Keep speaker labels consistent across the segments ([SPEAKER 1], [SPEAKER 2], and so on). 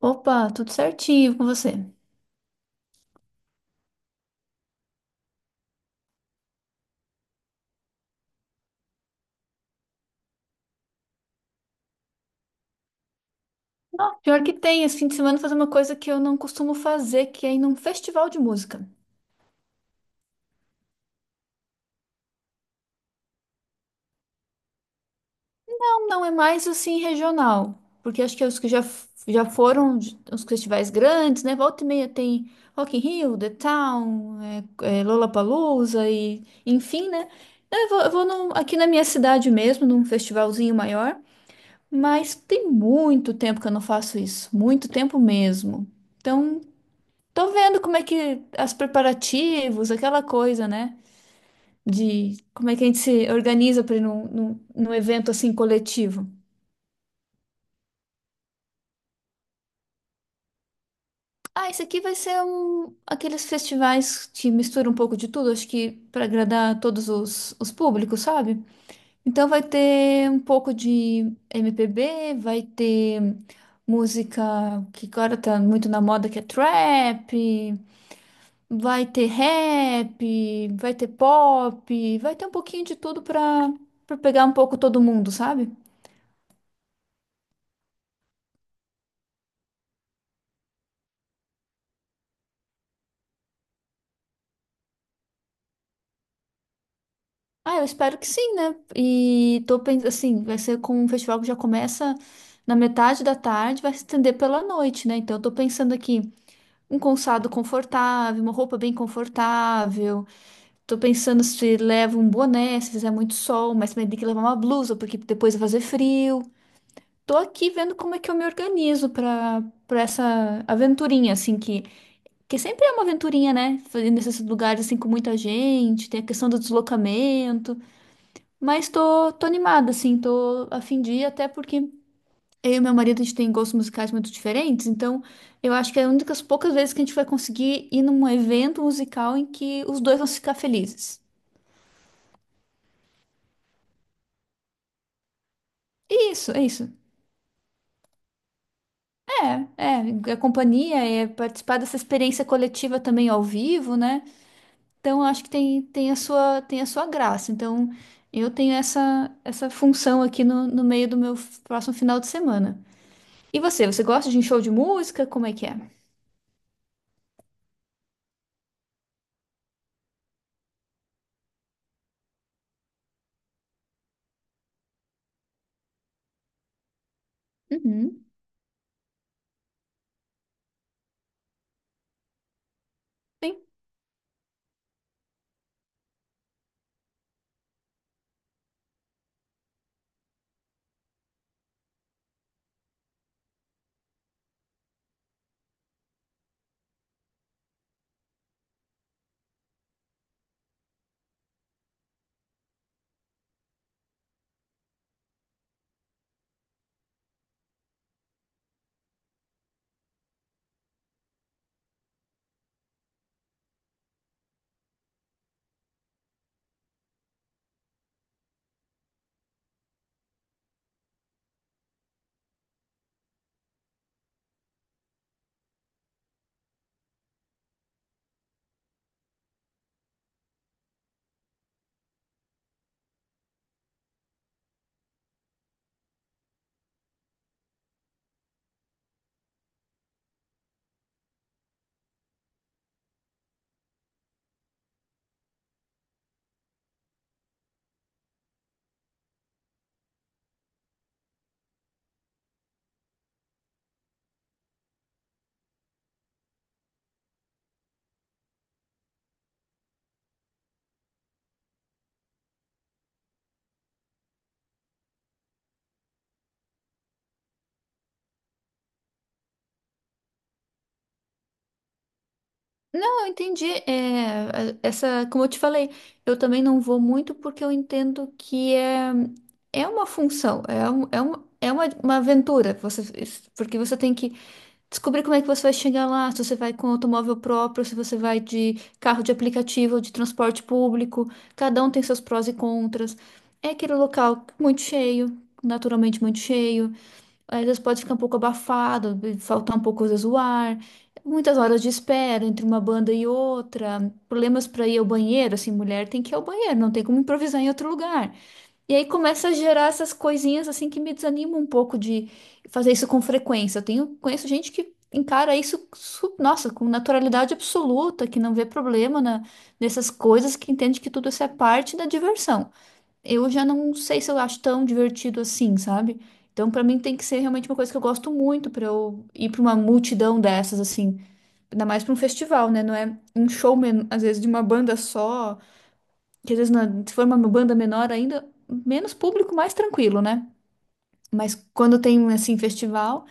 [SPEAKER 1] Opa, tudo certinho com você? Ó, pior que tem, esse fim de semana fazer uma coisa que eu não costumo fazer, que é ir num festival de música. Não, não é mais assim regional, porque acho que os que já, f- já foram de- os festivais grandes, né? Volta e meia tem Rock in Rio, The Town, Lollapalooza e enfim, né? Eu vou aqui na minha cidade mesmo, num festivalzinho maior, mas tem muito tempo que eu não faço isso, muito tempo mesmo. Então, tô vendo como é que os preparativos, aquela coisa, né? De como é que a gente se organiza para ir num evento assim coletivo. Ah, esse aqui vai ser um, aqueles festivais que misturam um pouco de tudo, acho que para agradar todos os públicos, sabe? Então vai ter um pouco de MPB, vai ter música que agora tá muito na moda, que é trap, vai ter rap, vai ter pop, vai ter um pouquinho de tudo pra, pra pegar um pouco todo mundo, sabe? Ah, eu espero que sim, né? E tô pensando assim, vai ser com um festival que já começa na metade da tarde, vai se estender pela noite, né? Então eu tô pensando aqui um calçado confortável, uma roupa bem confortável. Tô pensando se leva um boné, se fizer muito sol, mas também tem que levar uma blusa, porque depois vai fazer frio. Tô aqui vendo como é que eu me organizo pra para essa aventurinha, assim, que sempre é uma aventurinha, né? Fazer nesses lugares, assim, com muita gente, tem a questão do deslocamento, mas tô animada, assim, tô a fim de ir, até porque eu e meu marido, a gente tem gostos musicais muito diferentes, então eu acho que é uma das poucas vezes que a gente vai conseguir ir num evento musical em que os dois vão ficar felizes. Isso, é isso. É companhia, é participar dessa experiência coletiva também ao vivo, né? Então, eu acho que tem, tem a sua graça. Então, eu tenho essa função aqui no meio do meu próximo final de semana. E você, você gosta de um show de música? Como é que é? Uhum. Sim. Não, eu entendi. É, essa, como eu te falei, eu também não vou muito porque eu entendo que é, é uma função, é, um, é, um, é uma aventura. Você, porque você tem que descobrir como é que você vai chegar lá, se você vai com automóvel próprio, se você vai de carro de aplicativo, de transporte público. Cada um tem seus prós e contras. É aquele local muito cheio, naturalmente muito cheio. Às vezes pode ficar um pouco abafado, faltar um pouco às vezes o ar. Muitas horas de espera entre uma banda e outra. Problemas para ir ao banheiro, assim, mulher tem que ir ao banheiro, não tem como improvisar em outro lugar. E aí começa a gerar essas coisinhas assim que me desanimam um pouco de fazer isso com frequência. Eu tenho, conheço gente que encara isso, nossa, com naturalidade absoluta, que não vê problema nessas coisas, que entende que tudo isso é parte da diversão. Eu já não sei se eu acho tão divertido assim, sabe? Então, pra mim tem que ser realmente uma coisa que eu gosto muito pra eu ir pra uma multidão dessas assim, ainda mais pra um festival, né? Não é um show às vezes de uma banda só que às vezes se for uma banda menor ainda, menos público, mais tranquilo, né? Mas quando tem assim festival,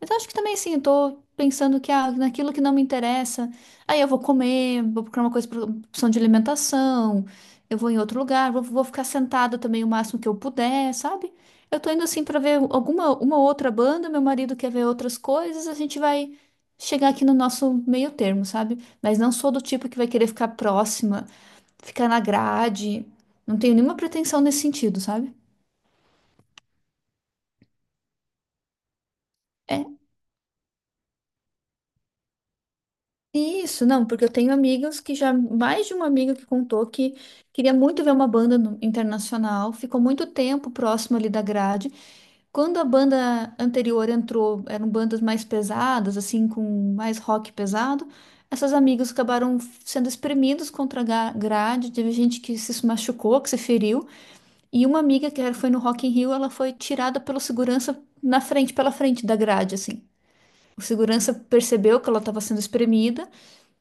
[SPEAKER 1] mas acho que também assim, eu tô pensando que naquilo que não me interessa, aí eu vou comer, vou procurar uma coisa pra opção de alimentação, eu vou em outro lugar, vou ficar sentada também o máximo que eu puder, sabe? Eu tô indo assim pra ver alguma uma outra banda, meu marido quer ver outras coisas, a gente vai chegar aqui no nosso meio termo, sabe? Mas não sou do tipo que vai querer ficar na grade. Não tenho nenhuma pretensão nesse sentido, sabe? É isso, não, porque eu tenho amigas que já, mais de uma amiga que contou que queria muito ver uma banda internacional, ficou muito tempo próximo ali da grade. Quando a banda anterior entrou, eram bandas mais pesadas, assim, com mais rock pesado, essas amigas acabaram sendo espremidas contra a grade, teve gente que se machucou, que se feriu. E uma amiga que foi no Rock in Rio, ela foi tirada pelo segurança na frente, pela frente da grade, assim. O segurança percebeu que ela estava sendo espremida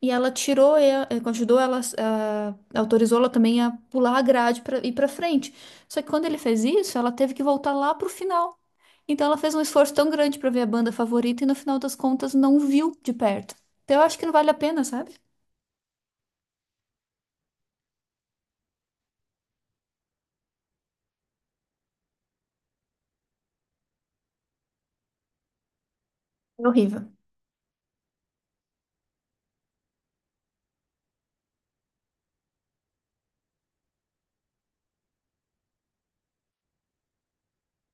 [SPEAKER 1] e ela tirou, e ajudou ela, autorizou ela também a pular a grade para ir para frente. Só que quando ele fez isso, ela teve que voltar lá pro final. Então ela fez um esforço tão grande para ver a banda favorita e no final das contas não viu de perto. Então eu acho que não vale a pena, sabe? É horrível.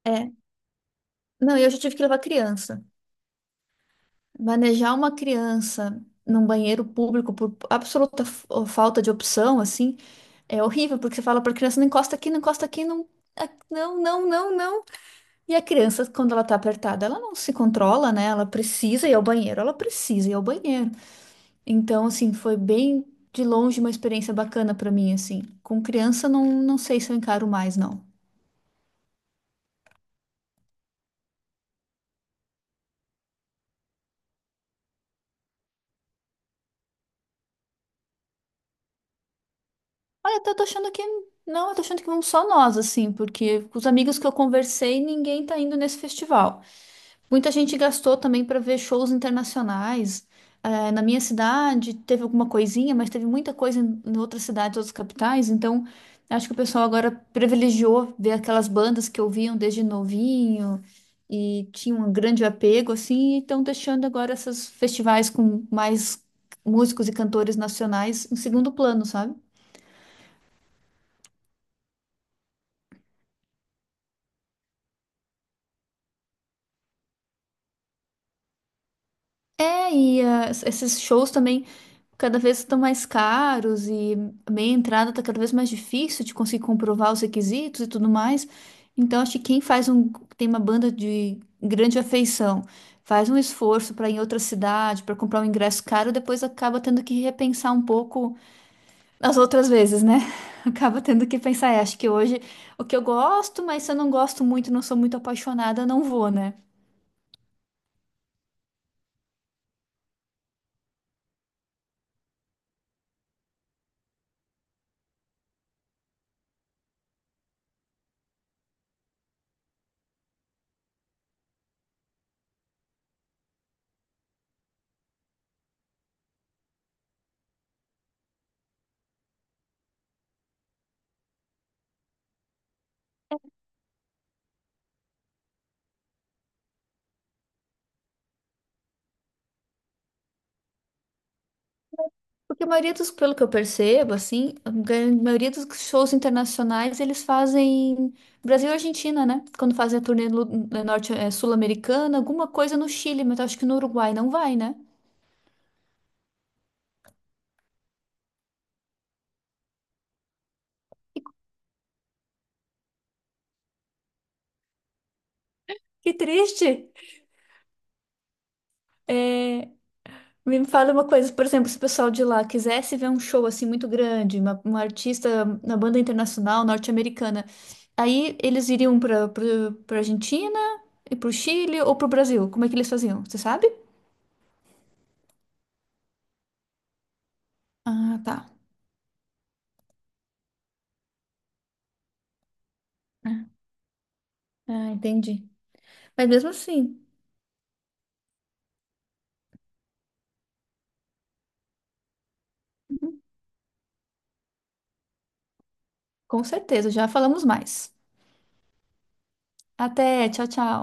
[SPEAKER 1] É. Não, eu já tive que levar criança. Manejar uma criança num banheiro público por absoluta falta de opção, assim, é horrível, porque você fala para a criança, não encosta aqui, não encosta aqui, não, não, não, não, não. E a criança, quando ela tá apertada, ela não se controla, né? Ela precisa ir ao banheiro, ela precisa ir ao banheiro. Então, assim, foi bem de longe uma experiência bacana para mim, assim. Com criança, não, não sei se eu encaro mais, não. Olha, eu tô achando que não, eu tô achando que vão só nós, assim, porque com os amigos que eu conversei, ninguém tá indo nesse festival. Muita gente gastou também para ver shows internacionais. Eh, na minha cidade teve alguma coisinha, mas teve muita coisa em outras cidades, outras capitais. Então, acho que o pessoal agora privilegiou ver aquelas bandas que ouviam desde novinho e tinham um grande apego, assim, e estão deixando agora esses festivais com mais músicos e cantores nacionais em segundo plano, sabe? É, e esses shows também cada vez estão mais caros e meia entrada está cada vez mais difícil de conseguir comprovar os requisitos e tudo mais. Então, acho que quem faz um, tem uma banda de grande afeição, faz um esforço para ir em outra cidade, para comprar um ingresso caro, depois acaba tendo que repensar um pouco as outras vezes, né? Acaba tendo que pensar, "É, acho que hoje o que eu gosto, mas se eu não gosto muito, não sou muito apaixonada, não vou, né? Porque a maioria dos, pelo que eu percebo, assim, a maioria dos shows internacionais eles fazem Brasil e Argentina, né? Quando fazem a turnê norte, sul-americana, alguma coisa no Chile, mas eu acho que no Uruguai não vai, né? Que triste! É, me fala uma coisa, por exemplo, se o pessoal de lá quisesse ver um show assim muito grande, uma artista na banda internacional norte-americana, aí eles iriam para Argentina e para o Chile ou para o Brasil? Como é que eles faziam? Você sabe? Ah, tá. Ah, entendi. Mas mesmo assim, com certeza, já falamos mais. Até, tchau, tchau.